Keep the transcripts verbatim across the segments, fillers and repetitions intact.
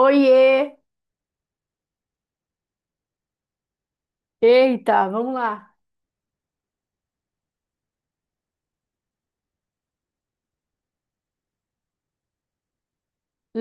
Oiê! Eita, vamos lá.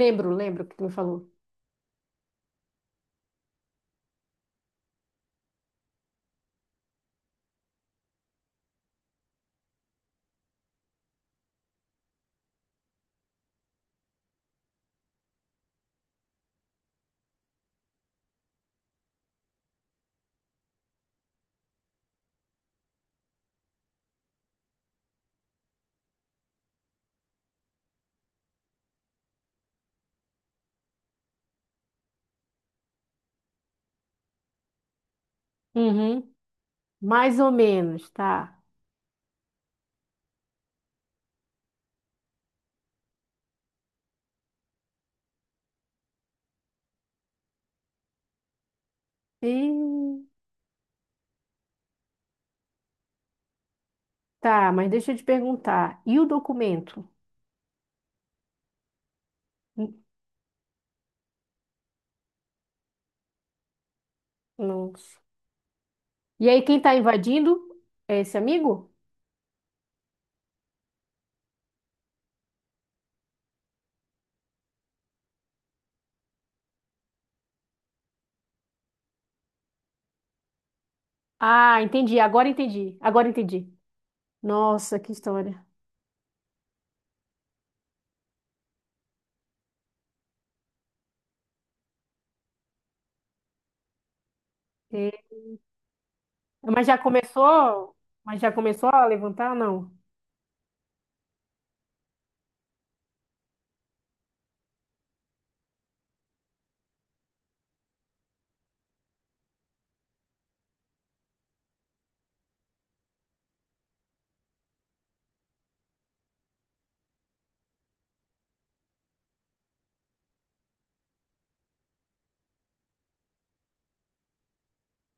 Lembro, lembro o que tu me falou. Uhum, mais ou menos, tá. E... Tá, mas deixa eu te perguntar. E o documento? N- Nossa. E aí, quem tá invadindo é esse amigo? Ah, entendi. Agora entendi. Agora entendi. Nossa, que história. E- Mas já começou? Mas já começou a levantar? Não.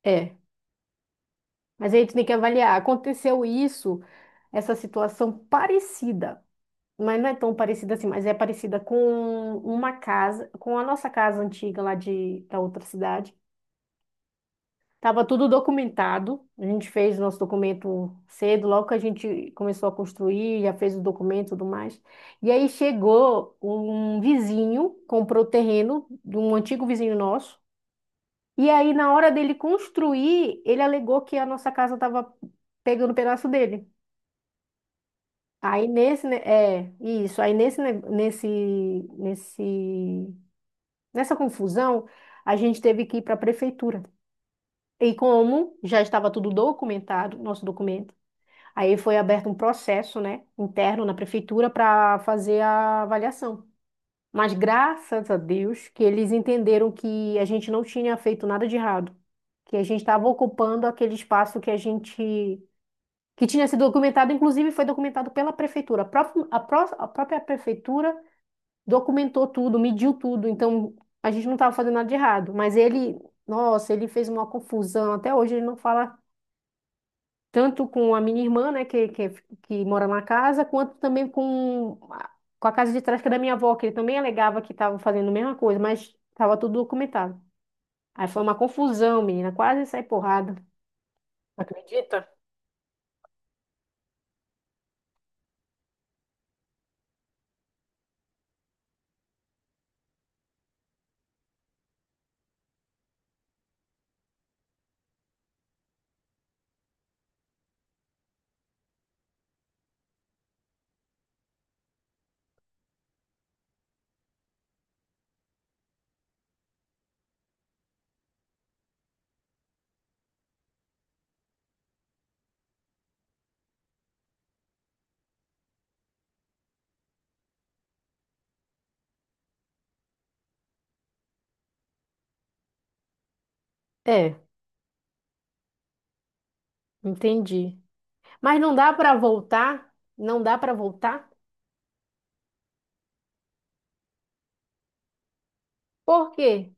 É. Mas aí tu tem que avaliar. Aconteceu isso, essa situação parecida, mas não é tão parecida assim, mas é parecida com uma casa, com a nossa casa antiga lá de, da outra cidade. Tava tudo documentado, a gente fez nosso documento cedo, logo que a gente começou a construir, já fez o documento e tudo mais. E aí chegou um vizinho, comprou o terreno de um antigo vizinho nosso, e aí na hora dele construir, ele alegou que a nossa casa estava pegando um pedaço dele. Aí nesse, ne- é, isso, aí nesse, ne- nesse, nesse nessa confusão, a gente teve que ir para a prefeitura. E como já estava tudo documentado, nosso documento, aí foi aberto um processo, né, interno na prefeitura para fazer a avaliação. Mas graças a Deus que eles entenderam que a gente não tinha feito nada de errado, que a gente estava ocupando aquele espaço que a gente que tinha sido documentado, inclusive foi documentado pela prefeitura. A própria, a pró- a própria prefeitura documentou tudo, mediu tudo, então a gente não estava fazendo nada de errado. Mas ele, nossa, ele fez uma confusão. Até hoje ele não fala tanto com a minha irmã, né, que, que, que mora na casa, quanto também com, a- com a casa de trás, que é da minha avó, que ele também alegava que estava fazendo a mesma coisa, mas estava tudo documentado. Aí foi uma confusão, menina, quase sai porrada. Acredita? É, entendi. Mas não dá para voltar, não dá para voltar. Por quê?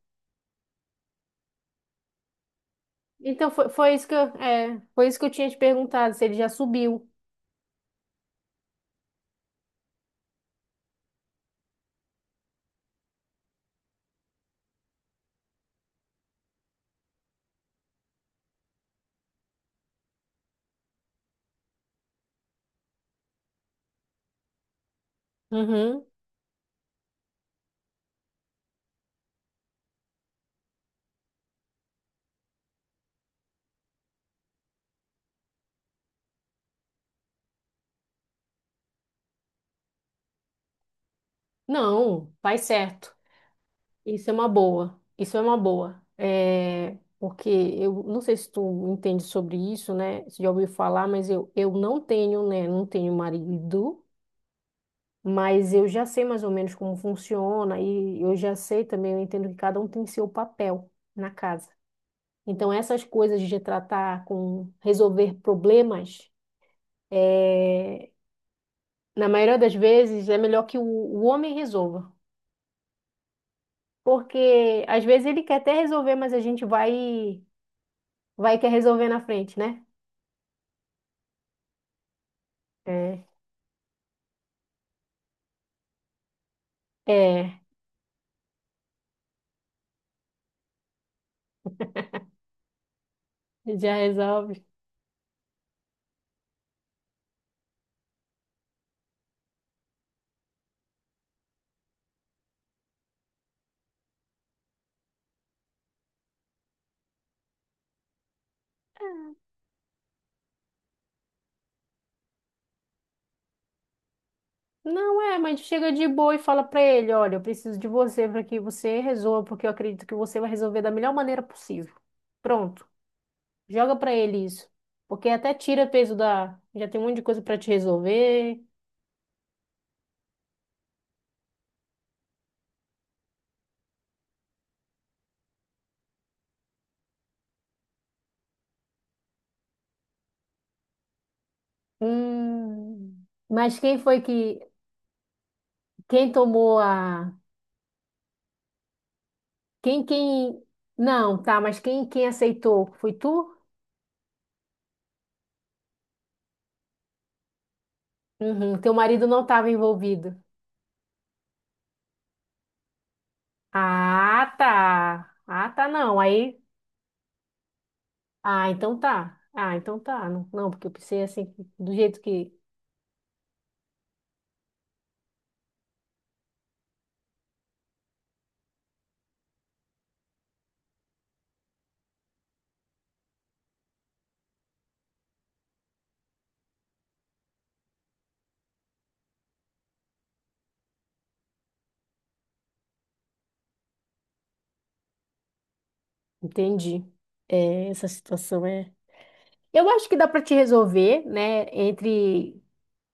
Então foi, foi isso que eu, é, foi isso que eu tinha te perguntado, se ele já subiu. Uhum. Não, faz certo. Isso é uma boa. Isso é uma boa. É, porque eu não sei se tu entende sobre isso, né? Se já ouviu falar, mas eu, eu não tenho, né? Não tenho marido, mas eu já sei mais ou menos como funciona e eu já sei também, eu entendo que cada um tem seu papel na casa. Então essas coisas de tratar com resolver problemas é, na maioria das vezes, é melhor que o, o homem resolva. Porque às vezes ele quer até resolver, mas a gente vai vai quer resolver na frente, né? É, é, já resolve. Não é, mas chega de boa e fala pra ele, olha, eu preciso de você para que você resolva, porque eu acredito que você vai resolver da melhor maneira possível. Pronto. Joga pra ele isso. Porque até tira peso da, já tem um monte de coisa pra te resolver. Hum. Mas quem foi que quem tomou a Quem, quem... Não, tá, mas quem, quem aceitou? Foi tu? Uhum, teu marido não estava envolvido. Ah, tá. Ah, tá, não. Aí... Ah, então tá. Ah, então tá. Não, não, porque eu pensei assim, do jeito que... Entendi. É, essa situação é... Eu acho que dá pra te resolver, né? Entre...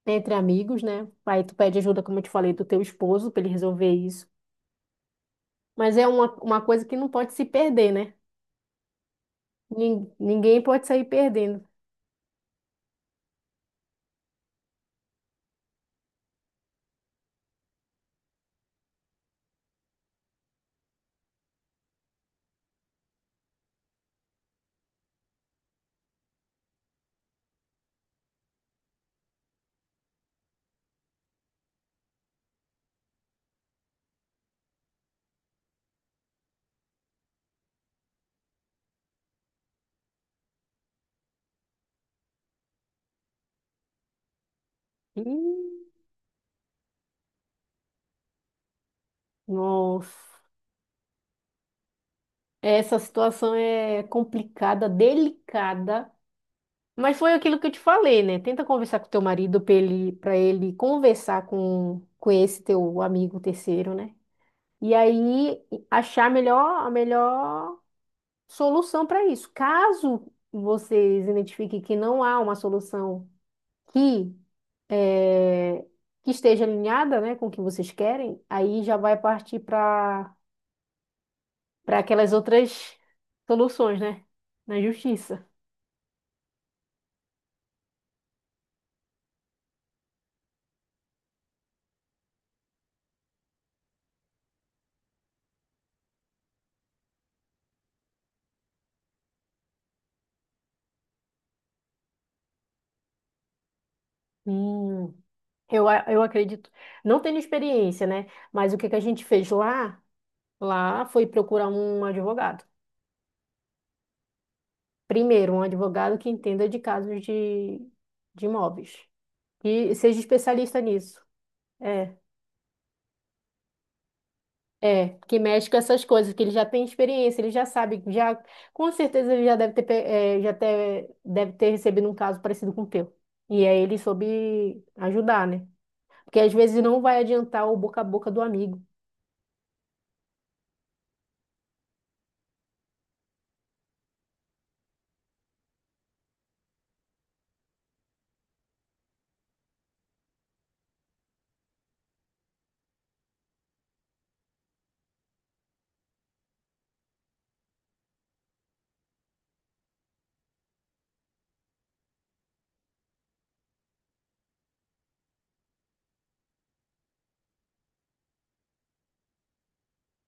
Entre amigos, né? Aí tu pede ajuda, como eu te falei, do teu esposo pra ele resolver isso. Mas é uma, uma coisa que não pode se perder, né? Nin- Ninguém pode sair perdendo. Ih. Nossa, essa situação é complicada, delicada, mas foi aquilo que eu te falei, né? Tenta conversar com teu marido para ele, pra ele conversar com, com esse teu amigo terceiro, né? E aí achar a melhor, a melhor solução para isso. Caso vocês identifiquem que não há uma solução que, eh, que esteja alinhada, né, com o que vocês querem, aí já vai partir para para aquelas outras soluções, né? Na justiça. Hum, eu, a- eu acredito. Não tenho experiência, né? Mas o que que a gente fez lá? Lá foi procurar um advogado. Primeiro, um advogado que entenda de casos de, de imóveis. E seja especialista nisso. É, é, que mexe com essas coisas, que ele já tem experiência, ele já sabe, já, com certeza ele já deve ter, pe- eh, já ter, deve ter recebido um caso parecido com o teu. E aí ele soube ajudar, né? Porque às vezes não vai adiantar o boca a boca do amigo.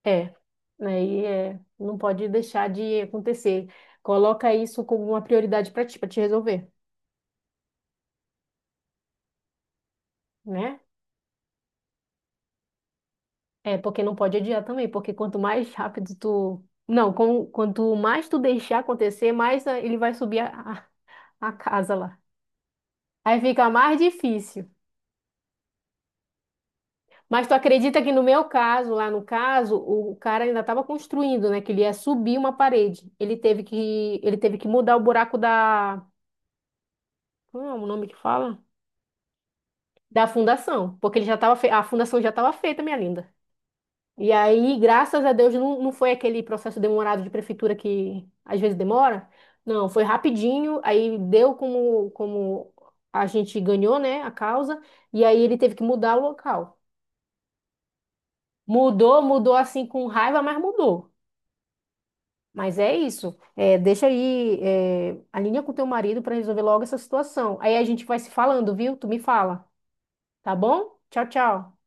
É, né? E é, não pode deixar de acontecer. Coloca isso como uma prioridade para ti, para te resolver, né? É, porque não pode adiar também, porque quanto mais rápido tu. Não, com- quanto mais tu deixar acontecer, mais ah, ele vai subir a, a, a casa lá. Aí fica mais difícil. Mas tu acredita que no meu caso, lá no caso, o cara ainda estava construindo, né? Que ele ia subir uma parede. Ele teve que, ele teve que mudar o buraco da Como é o nome que fala? Da fundação, porque ele já estava a fundação já estava feita, minha linda. E aí, graças a Deus, não, não foi aquele processo demorado de prefeitura que às vezes demora. Não, foi rapidinho, aí deu como, como a gente ganhou, né, a causa, e aí ele teve que mudar o local. Mudou, mudou assim com raiva, mas mudou. Mas é isso. É, deixa aí, é, alinha com teu marido para resolver logo essa situação. Aí a gente vai se falando, viu? Tu me fala, tá bom? Tchau, tchau.